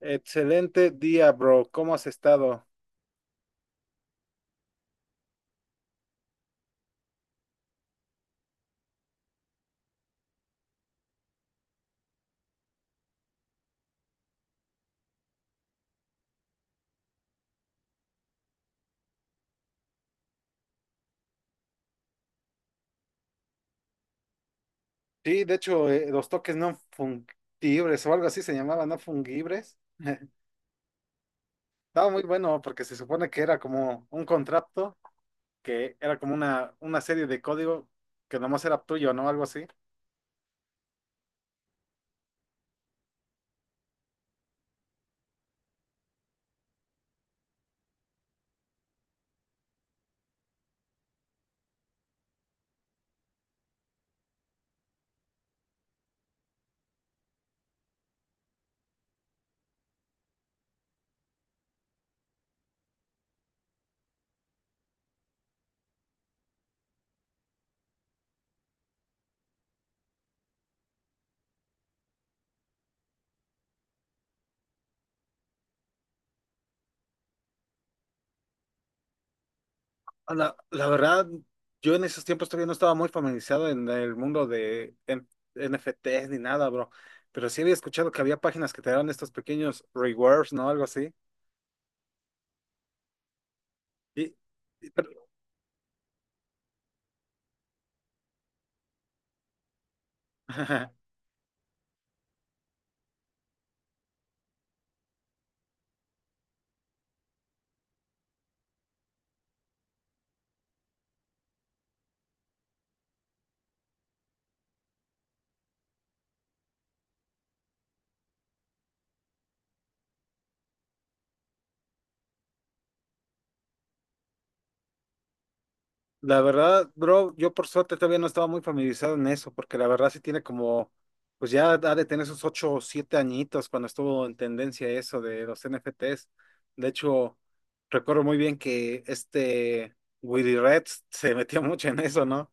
Excelente día, bro. ¿Cómo has estado? Sí, de hecho, los toques no fungibles o algo así se llamaba, no fungibles Estaba muy bueno porque se supone que era como un contrato, que era como una serie de código que nomás era tuyo, ¿no? Algo así. Ah, la verdad, yo en esos tiempos todavía no estaba muy familiarizado en el mundo de NFTs ni nada, bro. Pero sí había escuchado que había páginas que te daban estos pequeños rewards, ¿no? Algo así. Y, y- pero- La verdad, bro, yo por suerte todavía no estaba muy familiarizado en eso, porque la verdad sí tiene como, pues ya ha de tener esos ocho o siete añitos cuando estuvo en tendencia eso de los NFTs. De hecho, recuerdo muy bien que este Willy Reds se metió mucho en eso, ¿no?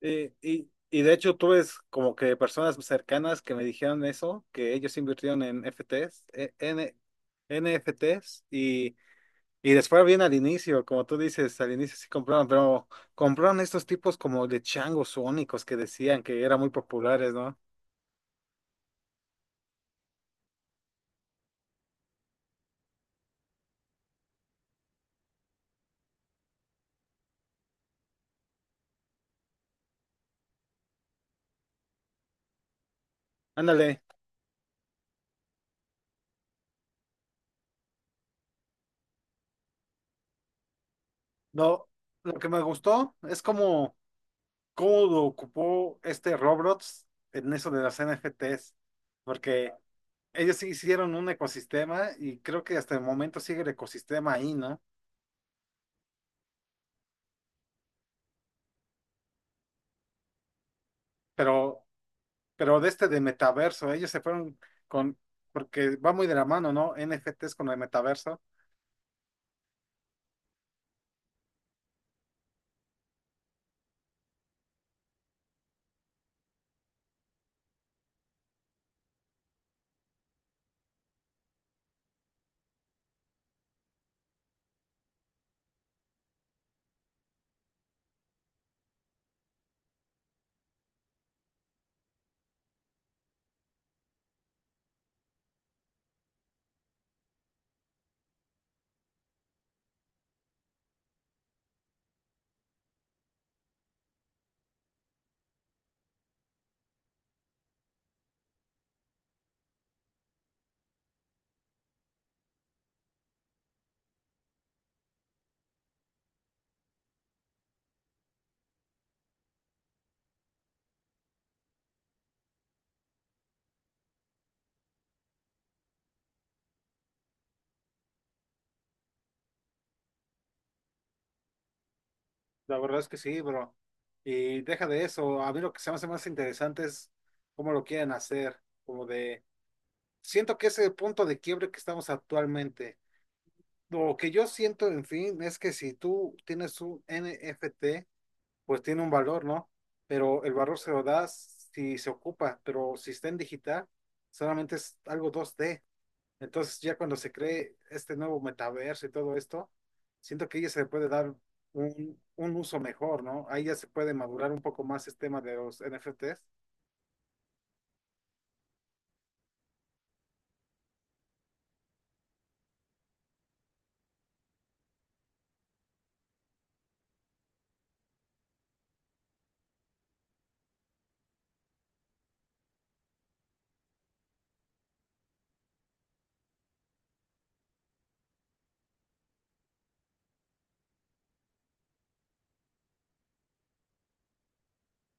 Y de hecho tuve es como que personas cercanas que me dijeron eso, que ellos invirtieron en NFTs. Y después bien al inicio, como tú dices, al inicio sí compraban, pero compraron estos tipos como de changos sónicos que decían que eran muy populares, ¿no? Ándale, no, lo que me gustó es como cómo lo ocupó este Roblox en eso de las NFTs, porque ellos sí hicieron un ecosistema y creo que hasta el momento sigue el ecosistema ahí, ¿no? Pero, pero de este de metaverso, ellos se fueron con, porque va muy de la mano, ¿no? NFTs con el metaverso. La verdad es que sí, bro. Y deja de eso. A mí lo que se me hace más interesante es cómo lo quieren hacer. Como de, siento que ese punto de quiebre que estamos actualmente. Lo que yo siento, en fin, es que si tú tienes un NFT, pues tiene un valor, ¿no? Pero el valor se lo das si se ocupa, pero si está en digital, solamente es algo dos d, entonces, ya cuando se cree este nuevo metaverso y todo esto, siento que ahí ya se le puede dar un uso mejor, ¿no? Ahí ya se puede madurar un poco más este tema de los NFTs.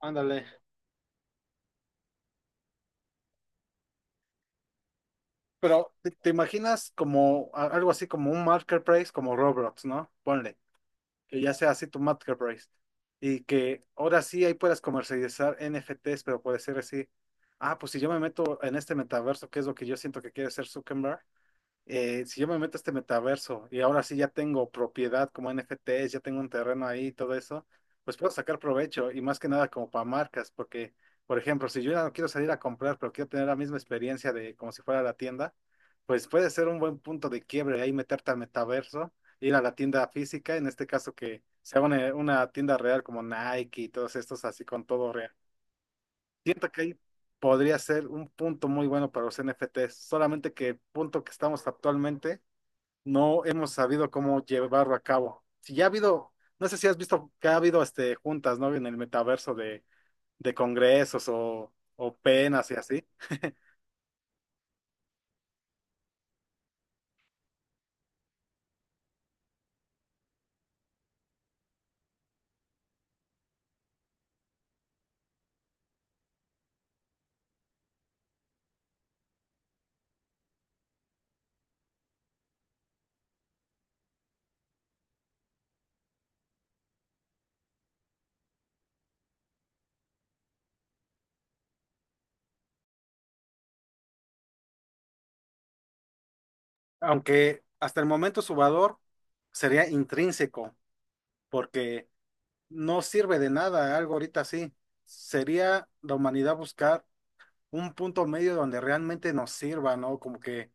Ándale. Pero, ¿te, te imaginas como algo así como un marketplace como Roblox, ¿no? Ponle, que ya sea así tu marketplace. Y que ahora sí ahí puedas comercializar NFTs, pero puede ser así. Ah, pues si yo me meto en este metaverso, que es lo que yo siento que quiere ser Zuckerberg, si yo me meto a este metaverso y ahora sí ya tengo propiedad como NFTs, ya tengo un terreno ahí y todo eso, pues puedo sacar provecho y más que nada como para marcas, porque, por ejemplo, si yo ya no quiero salir a comprar, pero quiero tener la misma experiencia de como si fuera la tienda, pues puede ser un buen punto de quiebre ahí meterte al metaverso, ir a la tienda física, en este caso que sea una tienda real como Nike y todos estos así con todo real. Siento que ahí podría ser un punto muy bueno para los NFTs, solamente que el punto que estamos actualmente no hemos sabido cómo llevarlo a cabo. Si ya ha habido, no sé si has visto que ha habido este, juntas, ¿no? En el metaverso de congresos o penas y así. Aunque hasta el momento su valor sería intrínseco, porque no sirve de nada algo ahorita así. Sería la humanidad buscar un punto medio donde realmente nos sirva, ¿no? Como que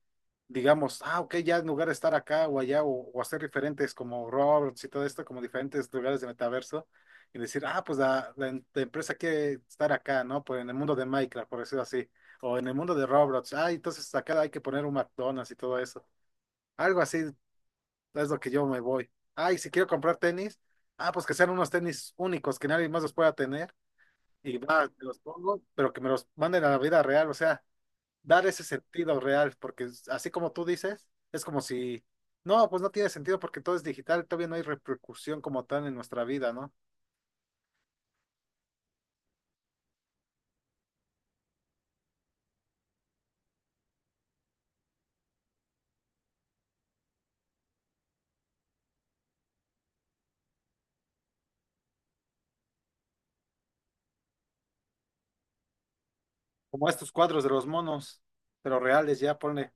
digamos, ah, ok, ya en lugar de estar acá o allá o hacer diferentes como Roberts y todo esto, como diferentes lugares de metaverso, y decir, ah, pues la empresa quiere estar acá, ¿no? Pues en el mundo de Minecraft, por decirlo así, o en el mundo de Roblox, ah, entonces acá hay que poner un McDonald's y todo eso. Algo así es lo que yo me voy. Ah, y si quiero comprar tenis, ah, pues que sean unos tenis únicos que nadie más los pueda tener. Y va, te los pongo, pero que me los manden a la vida real, o sea, dar ese sentido real, porque así como tú dices, es como si, no, pues no tiene sentido porque todo es digital, todavía no hay repercusión como tal en nuestra vida, ¿no? Como estos cuadros de los monos, pero reales ya, ponle,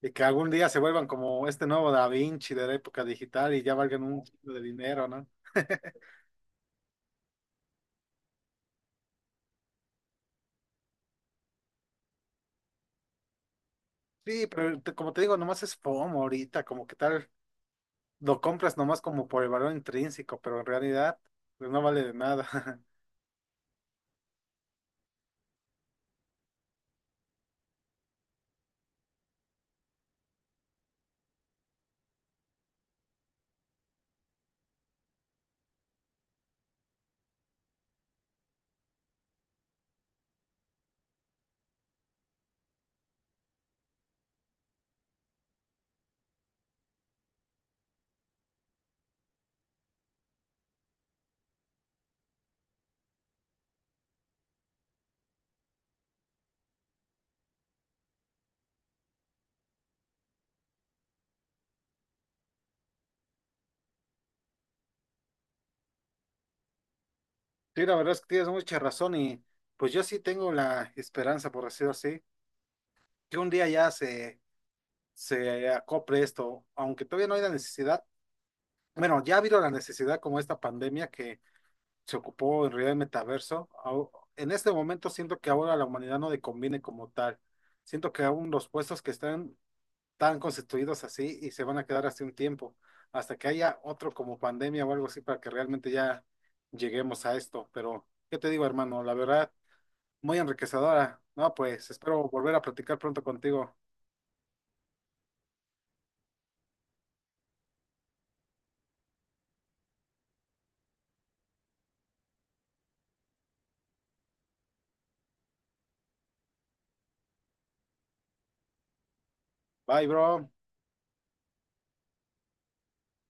y que algún día se vuelvan como este nuevo Da Vinci de la época digital y ya valgan un chingo de dinero, ¿no? Sí, como te digo, nomás es FOMO ahorita, como que tal, lo compras nomás como por el valor intrínseco, pero en realidad, pues no vale de nada. Sí, la verdad es que tienes mucha razón y pues yo sí tengo la esperanza, por decirlo así, que un día ya se acople esto, aunque todavía no hay la necesidad. Bueno, ya ha habido la necesidad como esta pandemia que se ocupó en realidad el metaverso. En este momento siento que ahora a la humanidad no le conviene como tal. Siento que aún los puestos que están tan constituidos así y se van a quedar así un tiempo, hasta que haya otro como pandemia o algo así para que realmente ya lleguemos a esto. Pero, ¿qué te digo, hermano? La verdad. Muy enriquecedora. No, pues espero volver a platicar pronto contigo. Bye, bro.